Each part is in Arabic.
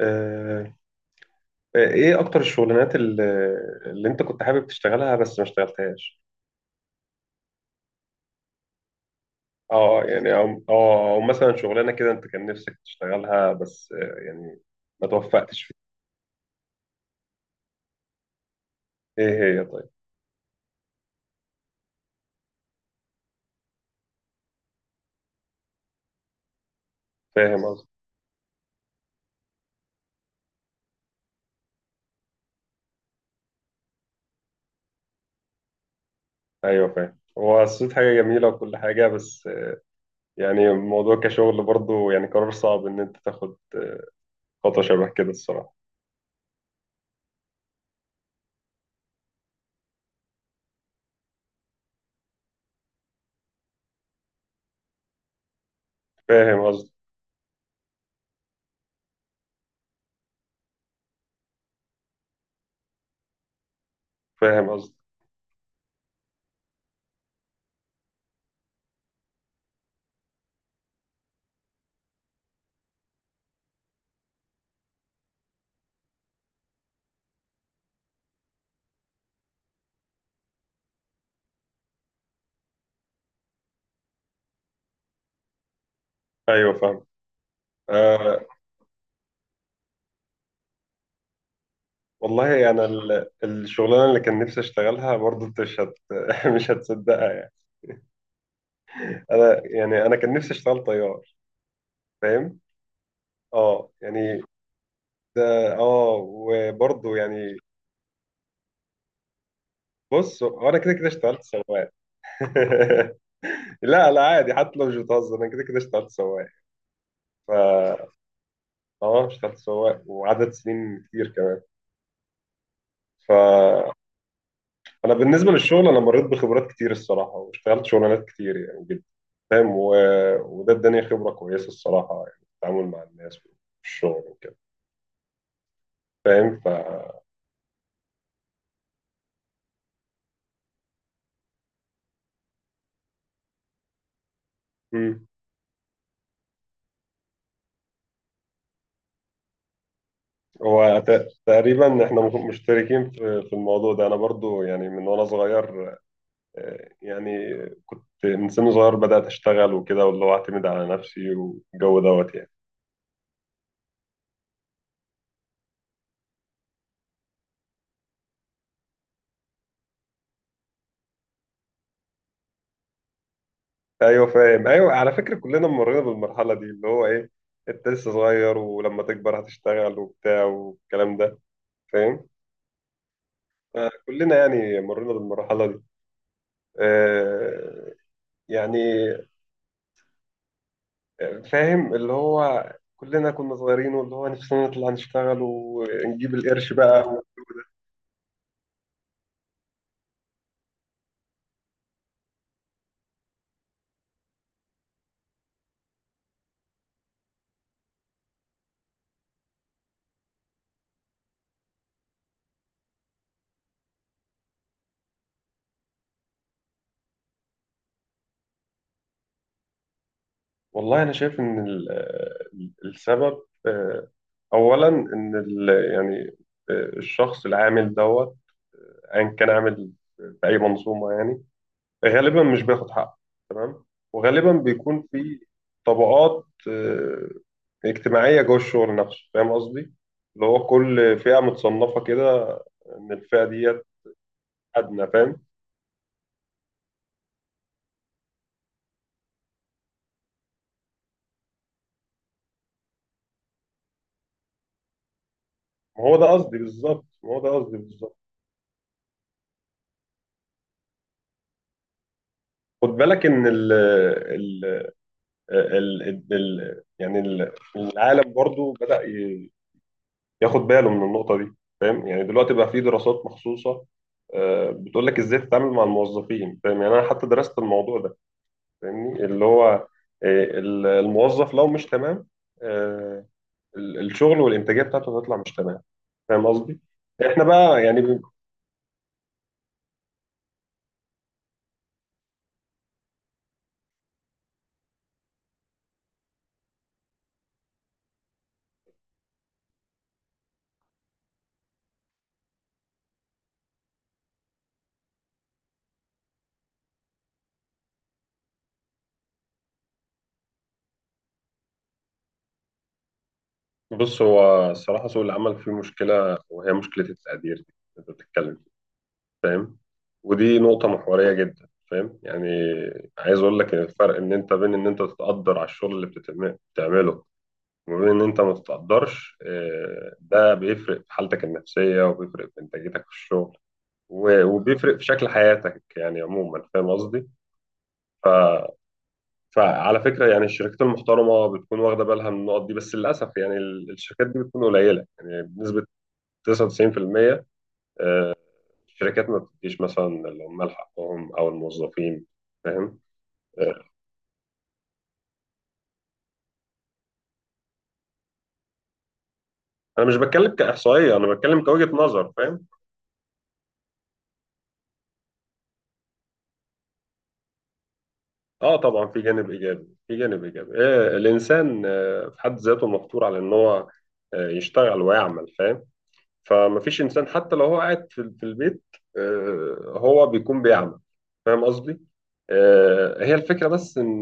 آه، ايه اكتر الشغلانات اللي انت كنت حابب تشتغلها بس ما اشتغلتهاش. أو مثلا شغلانه كده انت كان نفسك تشتغلها بس يعني ما توفقتش فيها. ايه هي طيب. فاهم قصدي. ايوه فاهم، هو الصيد حاجه جميله وكل حاجه، بس يعني الموضوع كشغل برضه يعني قرار صعب ان انت تاخد خطوه شبه كده الصراحه. فاهم قصدي. فاهم قصدي. ايوه فاهم. آه، والله انا يعني الشغلانه اللي كان نفسي اشتغلها برضه انت مش هت- مش هتصدقها يعني. انا يعني انا كان نفسي اشتغل طيار. فاهم. اه يعني ده اه، وبرضه يعني بص، هو انا كده كده اشتغلت سواق. لا لا عادي، حتى لو مش بتهزر انا كده كده اشتغلت سواق. ف اه اشتغلت سواق وعدد سنين كتير كمان. ف انا بالنسبه للشغل انا مريت بخبرات كتير الصراحه، واشتغلت شغلانات كتير يعني جدا. فاهم و... وده اداني خبره كويسه الصراحه، يعني التعامل مع الناس والشغل وكده. فاهم ف. هو ت- تقريبا احنا مخ- مشتركين في الموضوع ده. انا برضو يعني من وانا صغير، يعني كنت من سن صغير بدأت اشتغل وكده، واللي هو اعتمد على نفسي والجو دوت يعني. ايوه فاهم. ايوه، على فكرة كلنا مرينا بالمرحلة دي اللي هو ايه، انت لسه صغير ولما تكبر هتشتغل وبتاع والكلام ده. فاهم. كلنا يعني مرينا بالمرحلة دي. آه، يعني فاهم، اللي هو كلنا كنا صغيرين واللي هو نفسنا نطلع نشتغل ونجيب القرش بقى. والله أنا شايف إن السبب أولا إن يعني الشخص العامل دوت أيا كان عامل في أي منظومة يعني غالبا مش بياخد حقه، تمام. وغالبا بيكون في طبقات اجتماعية جوه الشغل نفسه، فاهم قصدي؟ اللي هو كل فئة متصنفة كده، إن الفئة ديت أدنى، فاهم؟ ما هو ده قصدي بالظبط، ما هو ده قصدي بالظبط. خد بالك ان العالم برضو بدأ ي- ياخد باله من النقطة دي. فاهم، يعني دلوقتي بقى في دراسات مخصوصة بتقول لك ازاي تتعامل مع الموظفين. فاهم، يعني انا حتى درست الموضوع ده. فاهمني، اللي هو الموظف لو مش تمام، آه، الشغل والإنتاجية بتاعته هتطلع مش تمام. فاهم قصدي؟ احنا بقى يعني بص، هو الصراحة سوق العمل فيه مشكلة، وهي مشكلة التقدير دي اللي أنت بتتكلم فيها. فاهم. ودي نقطة محورية جدا، فاهم يعني. عايز أقول لك إن الفرق إن أنت بين إن أنت تتقدر على الشغل اللي بتتم- بتعمله، وبين إن أنت ما تتقدرش، ده بيفرق في حالتك النفسية، وبيفرق في إنتاجيتك في الشغل، و- وبيفرق في شكل حياتك يعني عموما. فاهم قصدي؟ فعلى فكرة يعني الشركات المحترمة بتكون واخدة بالها من النقط دي، بس للأسف يعني الشركات دي بتكون قليلة، يعني بنسبة 99%. الشركات ما بتديش مثلا العمال حقهم او الموظفين. فاهم. آه، انا مش بتكلم كاحصائيه، انا بتكلم كوجهه نظر. فاهم. اه طبعا في جانب ايجابي، في جانب ايجابي. آه، الانسان آه في حد ذاته مفطور على ان هو آه يشتغل ويعمل. فاهم، فما فيش انسان حتى لو هو قاعد في البيت آه هو بيكون بيعمل. فاهم قصدي. آه، هي الفكره بس ان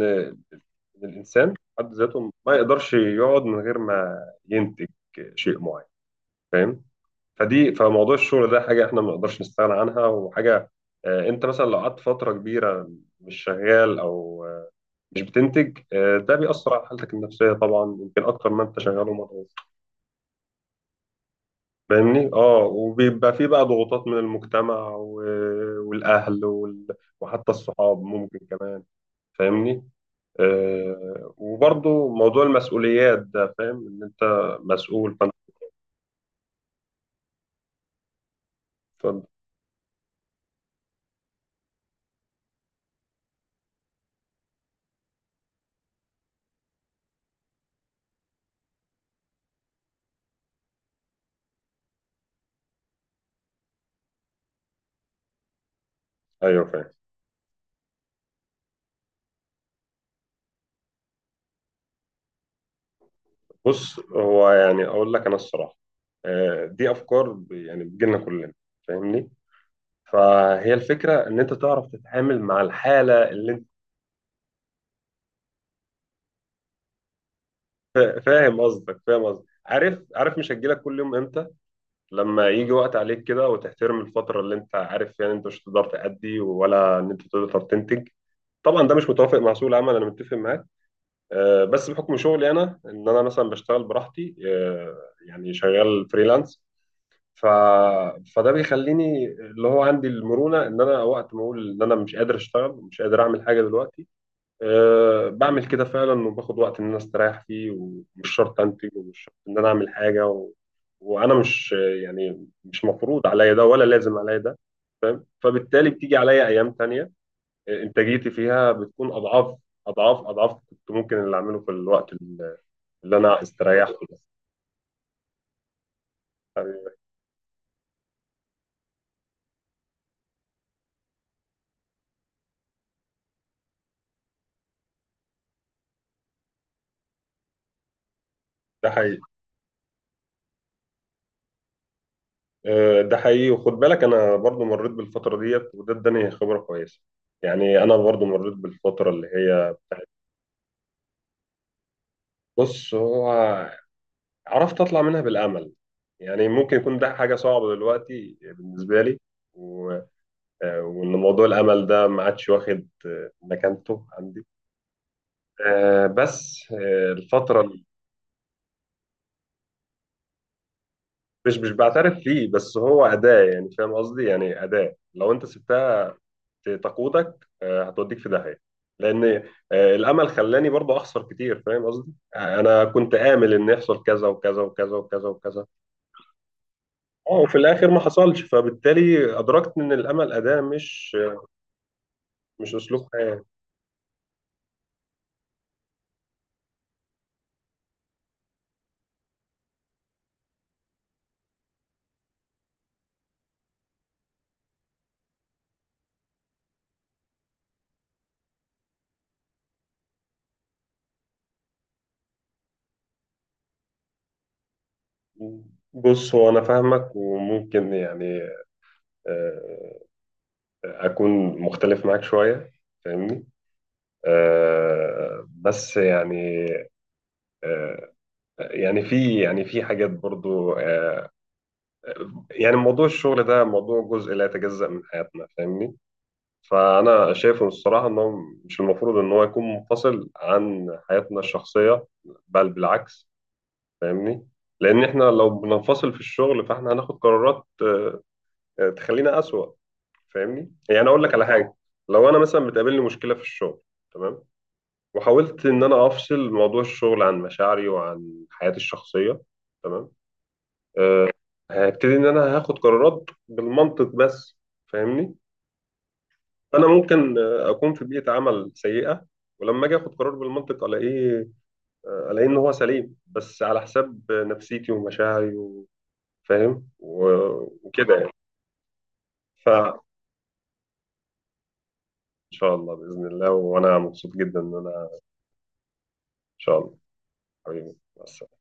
إن الانسان في حد ذاته ما يقدرش يقعد من غير ما ينتج شيء معين. فاهم. فدي فموضوع الشغل ده حاجة احنا ما نقدرش نستغنى عنها، وحاجة انت مثلا لو قعدت فترة كبيرة مش شغال او مش بتنتج، ده بيأثر على حالتك النفسية طبعا، يمكن اكتر ما انت شغال ومضغوط. فاهمني؟ اه، وبيبقى فيه بقى ضغوطات من المجتمع و- والاهل وال- وحتى الصحاب ممكن كمان. فاهمني؟ وبرضه موضوع المسؤوليات ده، فاهم ان انت مسؤول فانت. اتفضل. ايوه فاهم. بص هو يعني اقول لك انا الصراحه، دي افكار ب- يعني بتجيلنا كلنا. فاهمني. فهي الفكره ان انت تعرف تتعامل مع الحاله اللي انت فاهم قصدك، فاهم قصدك. عارف عارف مش هتجيلك كل يوم امتى، لما يجي وقت عليك كده وتحترم الفتره اللي انت عارف فيها ان انت مش هتقدر تأدي ولا ان انت تقدر تنتج. طبعا ده مش متوافق مع سوق العمل، انا متفق معاك. بس بحكم شغلي انا ان انا مثلا بشتغل براحتي، يعني شغال فريلانس. ف... فده بيخليني اللي هو عندي المرونه ان انا وقت ما اقول ان انا مش قادر اشتغل، مش قادر اعمل حاجه دلوقتي، أه بعمل كده فعلا، وباخد وقت ان انا استريح فيه ومش شرط انتج ومش شرط ان انا اعمل حاجه و... وانا مش يعني مش مفروض عليا ده ولا لازم عليا ده. فبالتالي بتيجي عليا ايام تانية انتاجيتي فيها بتكون اضعاف اضعاف اضعاف كنت ممكن اللي اعمله في الوقت اللي انا استريحته ده يعني. ده حقيقي. ده حقيقي، وخد بالك انا برضو مريت بالفتره ديت وده اداني خبره كويسه. يعني انا برضو مريت بالفتره اللي هي بص هو عرفت اطلع منها بالامل. يعني ممكن يكون ده حاجه صعبه دلوقتي بالنسبه لي، و... وان موضوع الامل ده ما عادش واخد مكانته عندي. آه، بس آه، الفتره اللي- مش بعترف فيه، بس هو اداه يعني، فاهم قصدي؟ يعني اداه لو انت سبتها تقودك هتوديك في داهيه، لان الامل خلاني برضه اخسر كتير. فاهم قصدي، انا كنت امل ان يحصل كذا وكذا وكذا وكذا وكذا. اه وفي الاخر ما حصلش، فبالتالي ادركت ان الامل اداه، مش مش اسلوب حياه. بص هو انا فاهمك، وممكن يعني آه، اكون مختلف معاك شويه. فاهمني. آه، بس يعني آه، يعني في يعني في حاجات برضو، يعني موضوع الشغل ده موضوع جزء لا يتجزأ من حياتنا. فاهمني. فأنا شايفه الصراحة إن هو مش المفروض إن هو يكون منفصل عن حياتنا الشخصية، بل بالعكس. فاهمني، لأن إحنا لو بننفصل في الشغل فإحنا هناخد قرارات تخلينا أسوأ. فاهمني، يعني أقول لك على حاجة: لو أنا مثلا بتقابلني مشكلة في الشغل، تمام، وحاولت إن أنا أفصل موضوع الشغل عن مشاعري وعن حياتي الشخصية، تمام، آه، هبتدي إن أنا هاخد قرارات بالمنطق بس. فاهمني. انا ممكن اكون في بيئه عمل سيئه، ولما اجي اخد قرار بالمنطق الاقيه الاقيه ان هو سليم بس على حساب نفسيتي ومشاعري وفاهم و- وكده يعني. فان شاء الله باذن الله، وانا مبسوط جدا ان انا ان شاء الله. حبيبي مع السلامة.